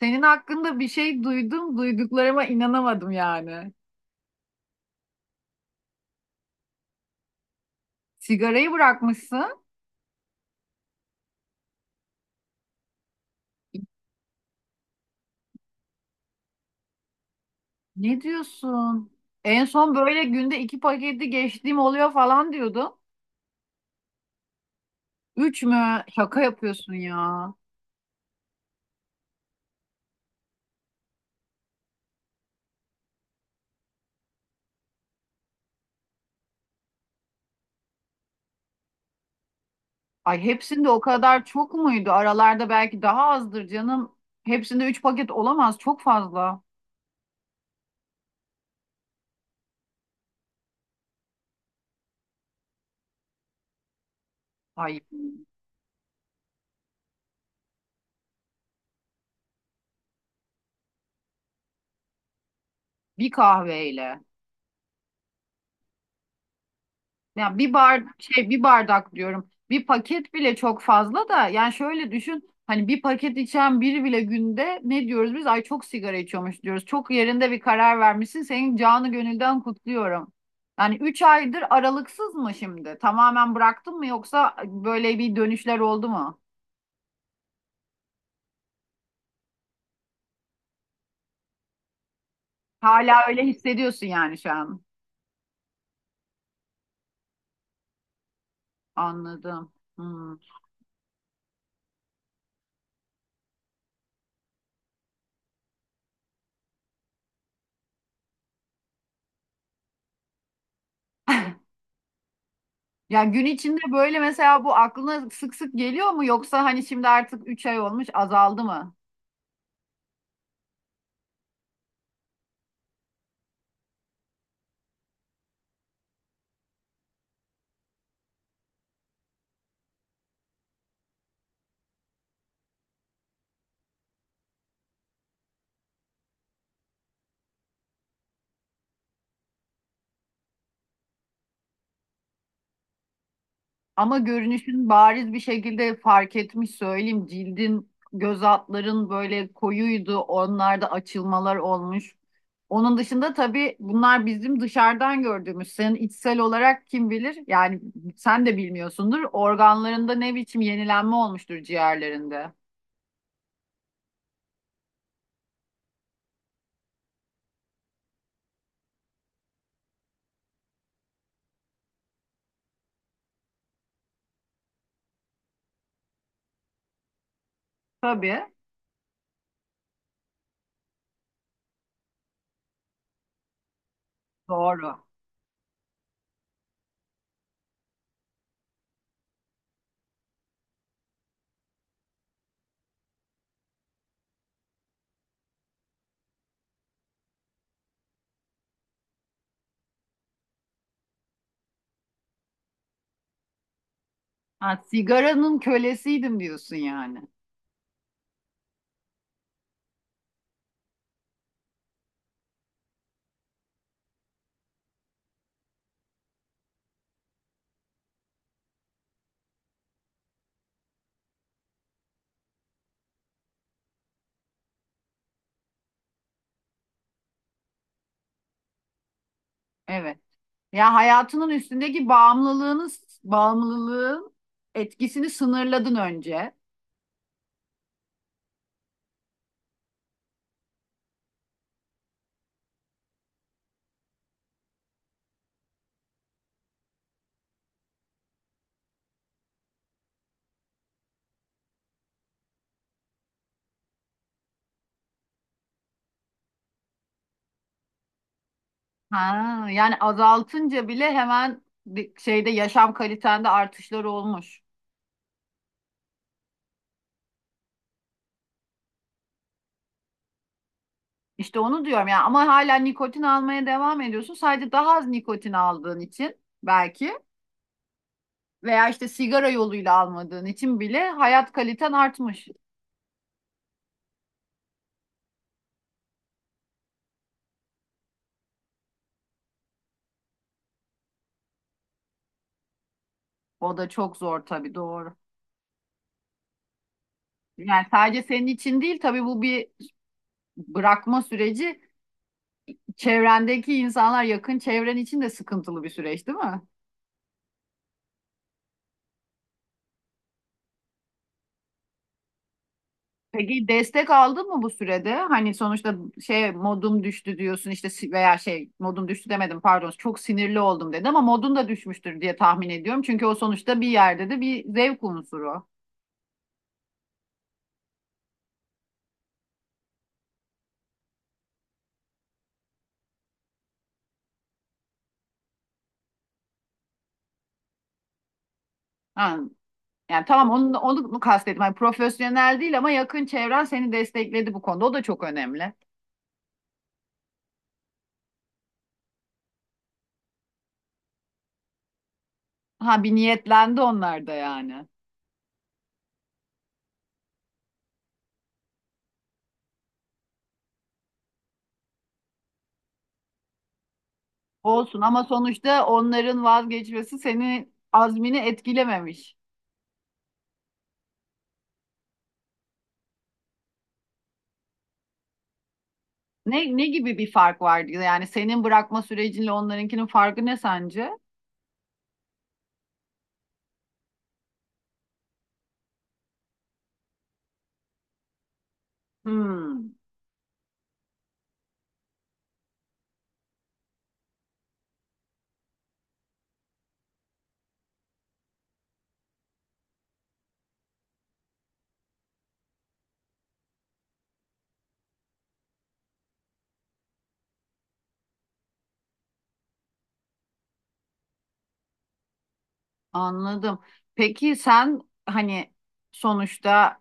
Senin hakkında bir şey duydum, duyduklarıma inanamadım yani. Sigarayı bırakmışsın. Ne diyorsun? En son böyle günde iki paketi geçtiğim oluyor falan diyordun. Üç mü? Şaka yapıyorsun ya. Ay hepsinde o kadar çok muydu? Aralarda belki daha azdır canım. Hepsinde üç paket olamaz. Çok fazla. Ay bir kahveyle. Ya bir bar şey bir bardak diyorum. Bir paket bile çok fazla da yani şöyle düşün, hani bir paket içen biri bile günde ne diyoruz biz? Ay çok sigara içiyormuş diyoruz. Çok yerinde bir karar vermişsin. Senin canı gönülden kutluyorum. Yani 3 aydır aralıksız mı şimdi? Tamamen bıraktın mı, yoksa böyle bir dönüşler oldu mu? Hala öyle hissediyorsun yani şu an. Anladım. Hmm. Ya gün içinde böyle mesela bu aklına sık sık geliyor mu, yoksa hani şimdi artık 3 ay olmuş azaldı mı? Ama görünüşün bariz bir şekilde fark etmiş, söyleyeyim. Cildin, göz altların böyle koyuydu. Onlarda açılmalar olmuş. Onun dışında tabii bunlar bizim dışarıdan gördüğümüz. Senin içsel olarak kim bilir? Yani sen de bilmiyorsundur. Organlarında ne biçim yenilenme olmuştur, ciğerlerinde. Tabii. Doğru. Ha, sigaranın kölesiydim diyorsun yani. Evet. Ya hayatının üstündeki bağımlılığını, bağımlılığın etkisini sınırladın önce. Ha, yani azaltınca bile hemen bir şeyde yaşam kalitende artışlar olmuş. İşte onu diyorum yani, ama hala nikotin almaya devam ediyorsun. Sadece daha az nikotin aldığın için belki, veya işte sigara yoluyla almadığın için bile hayat kaliten artmış. O da çok zor tabii, doğru. Yani sadece senin için değil tabii, bu bir bırakma süreci, çevrendeki insanlar, yakın çevren için de sıkıntılı bir süreç değil mi? Peki destek aldın mı bu sürede? Hani sonuçta şey, modum düştü diyorsun işte, veya şey modum düştü demedim, pardon, çok sinirli oldum dedim, ama modun da düşmüştür diye tahmin ediyorum. Çünkü o sonuçta bir yerde de bir zevk unsuru. Ha, yani tamam onu mu kastettim. Hani profesyonel değil, ama yakın çevren seni destekledi bu konuda. O da çok önemli. Ha, bir niyetlendi onlar da yani. Olsun, ama sonuçta onların vazgeçmesi seni azmini etkilememiş. Ne gibi bir fark vardı? Yani senin bırakma sürecinle onlarınkinin farkı ne sence? Hmm, anladım. Peki sen hani sonuçta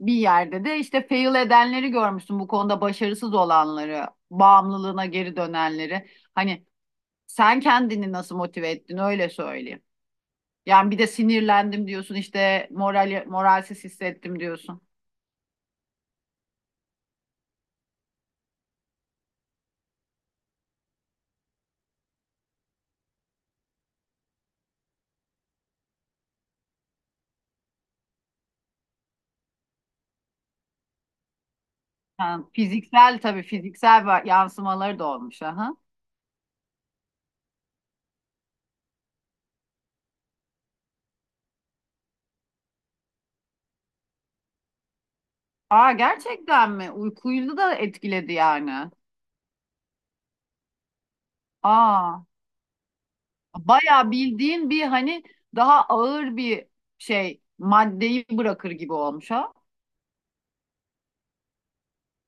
bir yerde de işte fail edenleri görmüşsün bu konuda, başarısız olanları, bağımlılığına geri dönenleri. Hani sen kendini nasıl motive ettin, öyle söyleyeyim. Yani bir de sinirlendim diyorsun işte, moralsiz hissettim diyorsun. Yani fiziksel, tabii fiziksel yansımaları da olmuş. Aha. Aa, gerçekten mi? Uykuyu da etkiledi yani. Aa, bayağı bildiğin bir hani daha ağır bir şey, maddeyi bırakır gibi olmuş ha.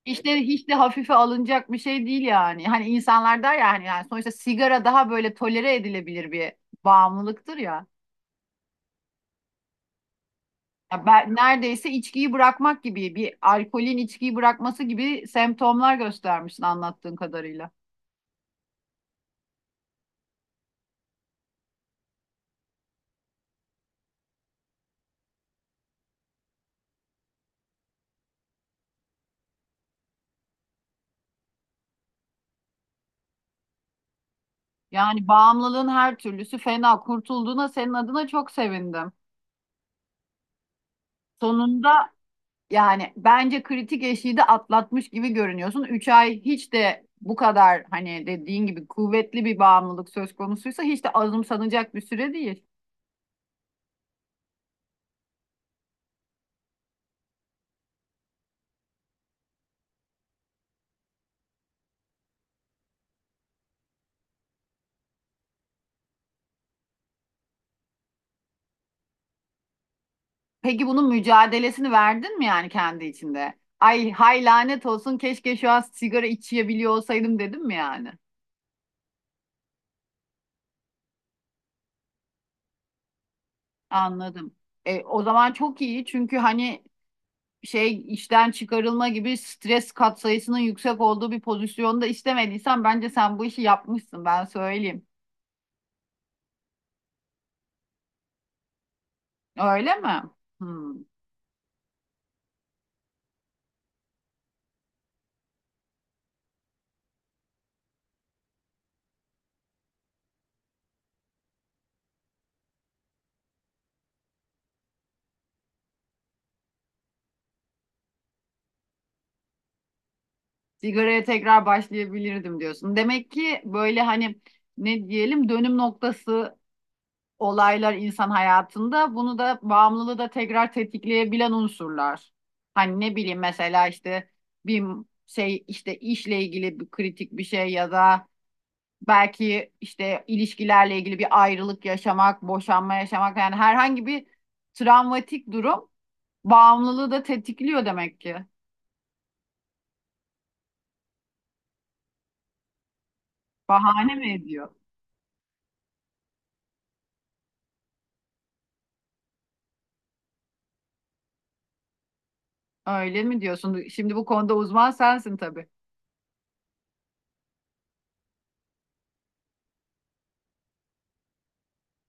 İşte hiç de hafife alınacak bir şey değil yani. Hani insanlar der ya hani, yani sonuçta sigara daha böyle tolere edilebilir bir bağımlılıktır ya. Ya ben neredeyse içkiyi bırakmak gibi, bir alkolün içkiyi bırakması gibi semptomlar göstermişsin anlattığın kadarıyla. Yani bağımlılığın her türlüsü fena. Kurtulduğuna senin adına çok sevindim. Sonunda, yani bence kritik eşiği de atlatmış gibi görünüyorsun. 3 ay hiç de bu kadar, hani dediğin gibi kuvvetli bir bağımlılık söz konusuysa, hiç de azımsanacak bir süre değil. Peki bunun mücadelesini verdin mi yani kendi içinde? Ay hay, lanet olsun, keşke şu an sigara içebiliyor olsaydım dedim mi yani? Anladım. E, o zaman çok iyi, çünkü hani şey, işten çıkarılma gibi stres katsayısının yüksek olduğu bir pozisyonda istemediysen, bence sen bu işi yapmışsın, ben söyleyeyim. Öyle mi? Hmm. Sigaraya tekrar başlayabilirdim diyorsun. Demek ki böyle hani, ne diyelim, dönüm noktası olaylar insan hayatında, bunu da, bağımlılığı da tekrar tetikleyebilen unsurlar. Hani ne bileyim, mesela işte bir şey, işte işle ilgili bir kritik bir şey, ya da belki işte ilişkilerle ilgili bir ayrılık yaşamak, boşanma yaşamak, yani herhangi bir travmatik durum bağımlılığı da tetikliyor demek ki. Bahane mi ediyor? Öyle mi diyorsun? Şimdi bu konuda uzman sensin tabii.